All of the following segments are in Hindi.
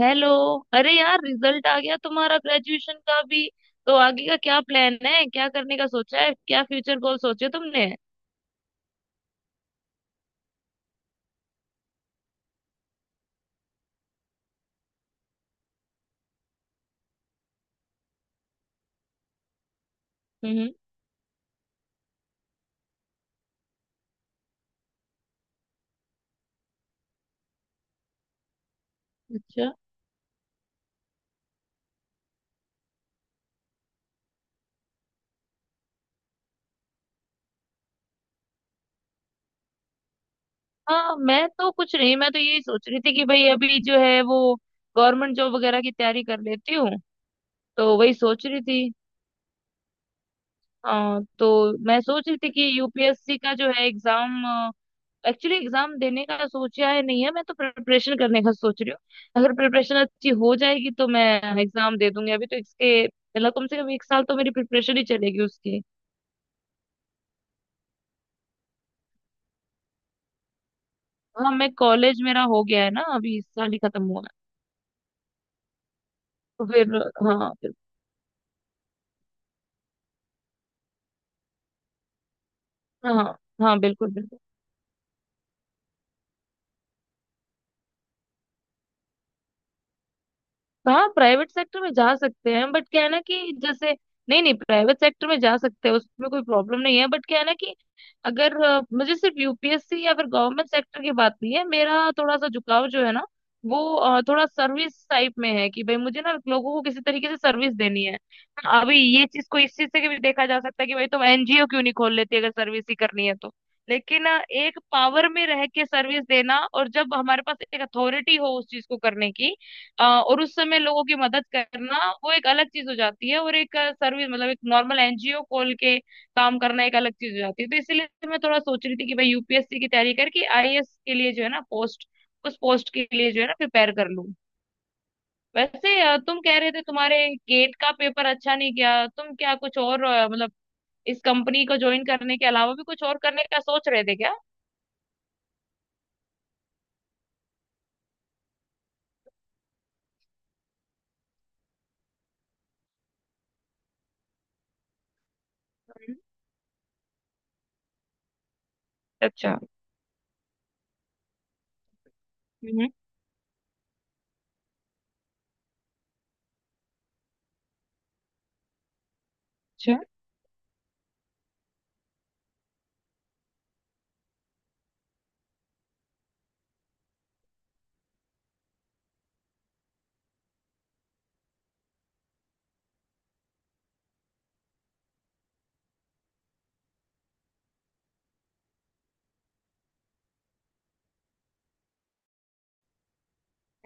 हेलो। अरे यार, रिजल्ट आ गया तुम्हारा ग्रेजुएशन का भी। तो आगे का क्या प्लान है, क्या करने का सोचा है, क्या फ्यूचर गोल सोचे तुमने? हम्म। अच्छा। हाँ, मैं तो कुछ नहीं, मैं तो यही सोच रही थी कि भाई अभी जो है वो गवर्नमेंट जॉब वगैरह की तैयारी कर लेती हूँ। तो वही सोच रही थी। हाँ तो मैं सोच रही थी कि यूपीएससी का जो है एग्जाम, एक्चुअली एग्जाम देने का सोचा है नहीं है, मैं तो प्रिपरेशन करने का सोच रही हूँ। अगर प्रिपरेशन अच्छी हो जाएगी तो मैं एग्जाम दे दूंगी। अभी तो इसके मतलब कम से कम एक साल तो मेरी प्रिपरेशन ही चलेगी उसकी। हाँ, मैं कॉलेज, मेरा हो गया है ना, अभी इस साल ही खत्म हुआ है, तो फिर, हाँ, हाँ हाँ, बिल्कुल बिल्कुल। हाँ, प्राइवेट सेक्टर में जा सकते हैं बट क्या है ना कि जैसे, नहीं नहीं, प्राइवेट सेक्टर में जा सकते हैं, उसमें कोई प्रॉब्लम नहीं है, बट क्या है ना कि अगर मुझे सिर्फ यूपीएससी या फिर गवर्नमेंट सेक्टर की बात नहीं है, मेरा थोड़ा सा झुकाव जो है ना वो थोड़ा सर्विस टाइप में है कि भाई मुझे ना लोगों को किसी तरीके से सर्विस देनी है। अभी ये चीज को इस चीज से भी देखा जा सकता है कि भाई तुम एनजीओ क्यों नहीं खोल लेती अगर सर्विस ही करनी है तो। लेकिन एक पावर में रह के सर्विस देना और जब हमारे पास एक अथॉरिटी हो उस चीज को करने की और उस समय लोगों की मदद करना, वो एक अलग चीज हो जाती है, और एक सर्विस मतलब एक नॉर्मल एनजीओ खोल के काम करना एक अलग चीज हो जाती है। तो इसीलिए मैं थोड़ा सोच रही थी कि भाई यूपीएससी की तैयारी करके आईएएस के लिए जो है ना पोस्ट, उस पोस्ट के लिए जो है ना प्रिपेयर कर लूं। वैसे तुम कह रहे थे तुम्हारे गेट का पेपर अच्छा नहीं गया, तुम क्या कुछ और मतलब इस कंपनी को ज्वाइन करने के अलावा भी कुछ और करने का सोच रहे थे क्या? हम्म। अच्छा। हम्म। अच्छा।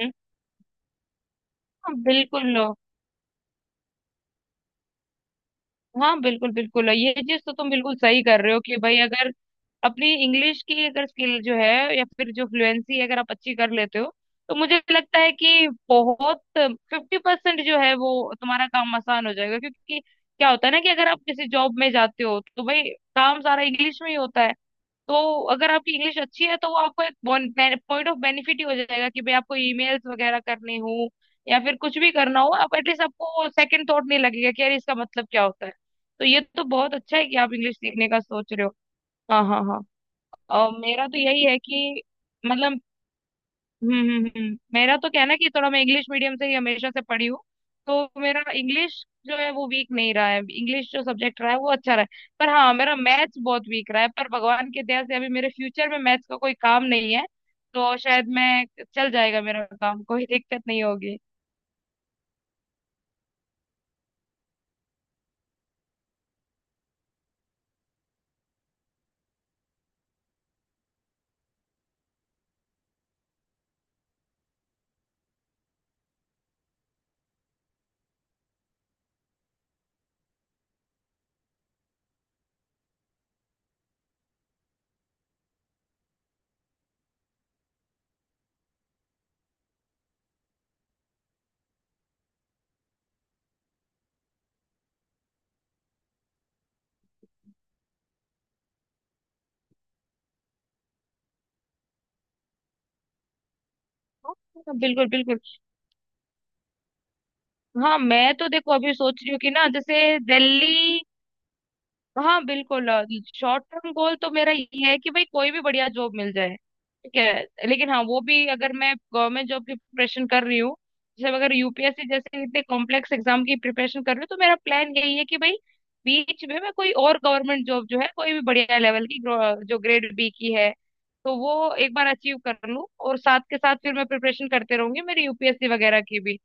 हम्म। हाँ, बिल्कुल। हाँ, बिल्कुल बिल्कुल, ये चीज तो तुम बिल्कुल सही कर रहे हो कि भाई अगर अपनी इंग्लिश की अगर स्किल जो है या फिर जो फ्लुएंसी अगर आप अच्छी कर लेते हो, तो मुझे लगता है कि बहुत 50% जो है वो तुम्हारा काम आसान हो जाएगा, क्योंकि क्या होता है ना कि अगर आप किसी जॉब में जाते हो तो भाई काम सारा इंग्लिश में ही होता है। तो अगर आपकी इंग्लिश अच्छी है तो वो आपको एक पॉइंट ऑफ बेनिफिट ही हो जाएगा कि भाई आपको ईमेल्स वगैरह करने हो या फिर कुछ भी करना हो, आप एटलीस्ट, आपको सेकंड थॉट नहीं लगेगा कि यार इसका मतलब क्या होता है। तो ये तो बहुत अच्छा है कि आप इंग्लिश सीखने का सोच रहे हो। हाँ हाँ हाँ। और मेरा तो यही है कि मतलब, मेरा तो कहना है कि थोड़ा मैं इंग्लिश मीडियम से ही हमेशा से पढ़ी हूँ, तो मेरा इंग्लिश जो है वो वीक नहीं रहा है, इंग्लिश जो सब्जेक्ट रहा है वो अच्छा रहा है, पर हाँ मेरा मैथ्स बहुत वीक रहा है, पर भगवान की दया से अभी मेरे फ्यूचर में मैथ्स का कोई काम नहीं है। तो शायद मैं, चल जाएगा मेरा काम, कोई दिक्कत नहीं होगी। हाँ, बिल्कुल बिल्कुल। हाँ, मैं तो देखो अभी सोच रही हूँ कि ना जैसे दिल्ली, हाँ बिल्कुल, शॉर्ट टर्म गोल तो मेरा ये है कि भाई कोई भी बढ़िया जॉब मिल जाए, ठीक है, लेकिन हाँ वो भी अगर मैं गवर्नमेंट जॉब की प्रिपरेशन कर रही हूँ, जैसे अगर यूपीएससी जैसे इतने कॉम्प्लेक्स एग्जाम की प्रिपरेशन कर रही हूँ, तो मेरा प्लान यही है कि भाई बीच में मैं कोई और गवर्नमेंट जॉब जो है कोई भी बढ़िया लेवल की जो ग्रेड बी की है, तो वो एक बार अचीव कर लूँ और साथ के साथ फिर मैं प्रिपरेशन करते रहूंगी मेरी यूपीएससी वगैरह की भी।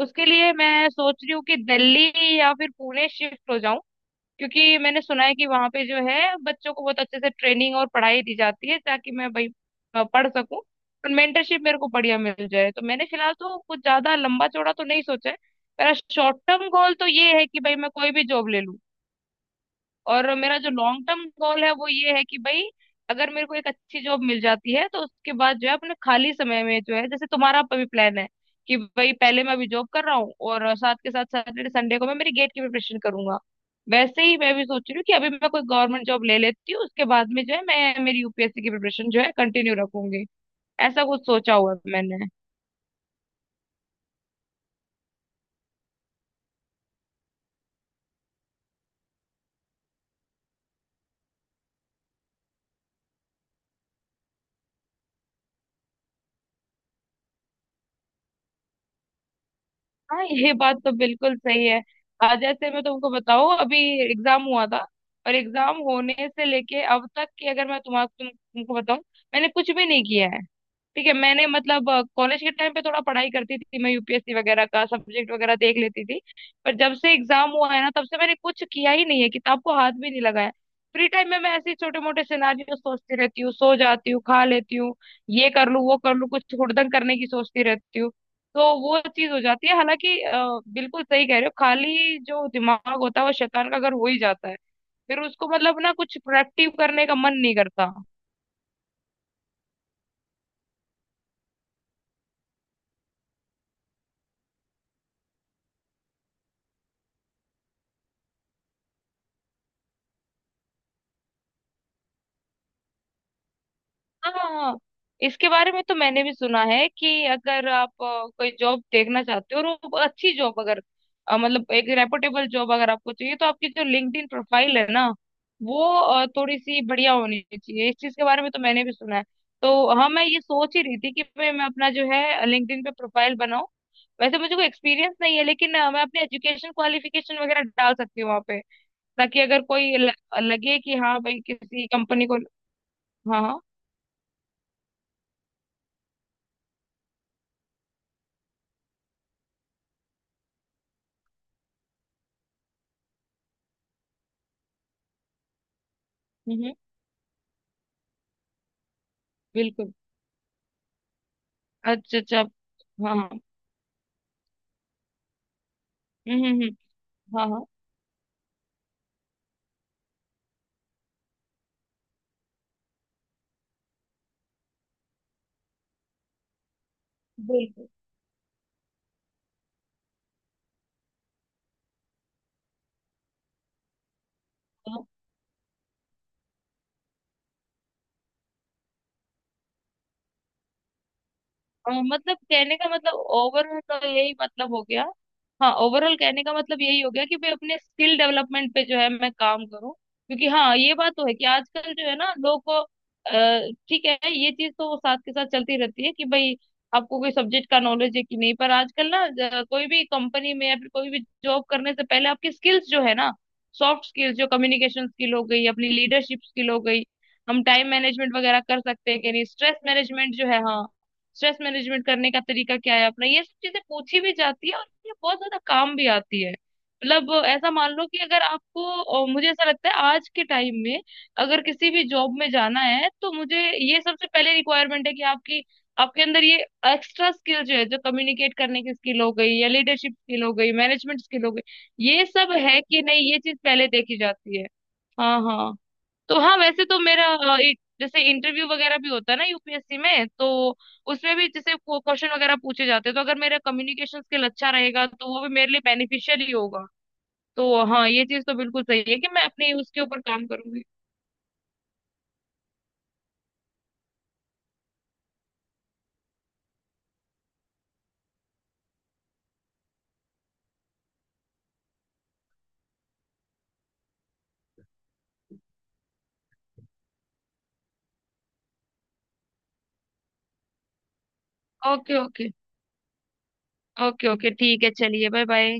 उसके लिए मैं सोच रही हूँ कि दिल्ली या फिर पुणे शिफ्ट हो जाऊं, क्योंकि मैंने सुना है कि वहां पे जो है बच्चों को बहुत अच्छे से ट्रेनिंग और पढ़ाई दी जाती है, ताकि मैं भाई पढ़ सकूं और मेंटरशिप मेरे को बढ़िया मिल जाए, तो मैंने फिलहाल तो कुछ ज्यादा लंबा चौड़ा तो नहीं सोचा है। मेरा शॉर्ट टर्म गोल तो ये है कि भाई मैं कोई भी जॉब ले लूं, और मेरा जो लॉन्ग टर्म गोल है वो ये है कि भाई अगर मेरे को एक अच्छी जॉब मिल जाती है तो उसके बाद जो है अपने खाली समय में जो है, जैसे तुम्हारा अभी प्लान है कि भाई पहले मैं अभी जॉब कर रहा हूँ और साथ के साथ सैटरडे संडे को मैं मेरी गेट की प्रिपरेशन करूंगा, वैसे ही मैं भी सोच रही हूँ कि अभी मैं कोई गवर्नमेंट जॉब ले लेती हूँ, उसके बाद में जो है मैं मेरी यूपीएससी की प्रिपरेशन जो है कंटिन्यू रखूंगी। ऐसा कुछ सोचा हुआ है मैंने। हाँ, ये बात तो बिल्कुल सही है। जैसे मैं तुमको बताऊँ, अभी एग्जाम हुआ था, और एग्जाम होने से लेके अब तक की अगर मैं तुमको बताऊँ, मैंने कुछ भी नहीं किया है। ठीक है, मैंने मतलब कॉलेज के टाइम पे थोड़ा पढ़ाई करती थी, मैं यूपीएससी वगैरह का सब्जेक्ट वगैरह देख लेती थी, पर जब से एग्जाम हुआ है ना तब से मैंने कुछ किया ही नहीं है, किताब को हाथ भी नहीं लगाया। फ्री टाइम में मैं ऐसे छोटे मोटे सिनारियो सोचती रहती हूँ, सो जाती हूँ, खा लेती हूँ, ये कर लूँ वो कर लूँ, कुछ हुड़दंग करने की सोचती रहती हूँ, तो वो चीज हो जाती है। हालांकि बिल्कुल सही कह रहे हो, खाली जो दिमाग होता है वो शैतान का घर हो ही जाता है, फिर उसको मतलब ना कुछ प्रोडक्टिव करने का मन नहीं करता। हाँ, इसके बारे में तो मैंने भी सुना है कि अगर आप कोई जॉब देखना चाहते हो और वो अच्छी जॉब अगर मतलब एक रेपुटेबल जॉब अगर आपको चाहिए, तो आपकी जो लिंक्डइन प्रोफाइल है ना वो थोड़ी सी बढ़िया होनी चाहिए, इस चीज के बारे में तो मैंने भी सुना है। तो हाँ, मैं ये सोच ही रही थी कि मैं अपना जो है लिंक्डइन पे प्रोफाइल बनाऊं। वैसे मुझे कोई एक्सपीरियंस नहीं है, लेकिन मैं अपने एजुकेशन क्वालिफिकेशन वगैरह डाल सकती हूँ वहाँ पे, ताकि अगर कोई लगे कि हाँ भाई किसी कंपनी को। हाँ हाँ। हम्म। हम्म। बिल्कुल। अच्छा अच्छा। हाँ हाँ। हम्म। हाँ हाँ बिल्कुल। हाँ मतलब कहने का मतलब ओवरऑल तो यही मतलब हो गया। हाँ, ओवरऑल कहने का मतलब यही हो गया कि भाई अपने स्किल डेवलपमेंट पे जो है मैं काम करूँ, क्योंकि हाँ ये बात तो है कि आजकल जो है ना लोग को ठीक है, ये चीज तो साथ के साथ चलती रहती है कि भाई आपको कोई सब्जेक्ट का नॉलेज है कि नहीं, पर आजकल ना कोई भी कंपनी में या फिर कोई भी जॉब करने से पहले आपकी स्किल्स जो है ना, सॉफ्ट स्किल्स जो कम्युनिकेशन स्किल हो गई, अपनी लीडरशिप स्किल हो गई, हम टाइम मैनेजमेंट वगैरह कर सकते हैं कि नहीं, स्ट्रेस मैनेजमेंट जो है, हाँ स्ट्रेस मैनेजमेंट करने का तरीका क्या है अपना, ये सब चीजें पूछी भी जाती है और ये बहुत ज्यादा काम भी आती है। मतलब ऐसा मान लो कि अगर आपको मुझे ऐसा लगता है आज के टाइम में अगर किसी भी जॉब में जाना है, तो मुझे ये सबसे पहले रिक्वायरमेंट है कि आपकी आपके अंदर ये एक्स्ट्रा स्किल जो है, जो कम्युनिकेट करने की स्किल हो गई या लीडरशिप स्किल हो गई, मैनेजमेंट स्किल हो गई, ये सब है कि नहीं, ये चीज पहले देखी जाती है। हाँ हाँ। तो हाँ वैसे तो मेरा एक जैसे इंटरव्यू वगैरह भी होता है ना यूपीएससी में, तो उसमें भी जैसे क्वेश्चन वगैरह पूछे जाते हैं, तो अगर मेरा कम्युनिकेशन स्किल अच्छा रहेगा तो वो भी मेरे लिए बेनिफिशियल ही होगा। तो हाँ, ये चीज तो बिल्कुल सही है कि मैं अपने उसके ऊपर काम करूंगी। Okay okay. ओके ओके, ठीक है, चलिए, बाय बाय।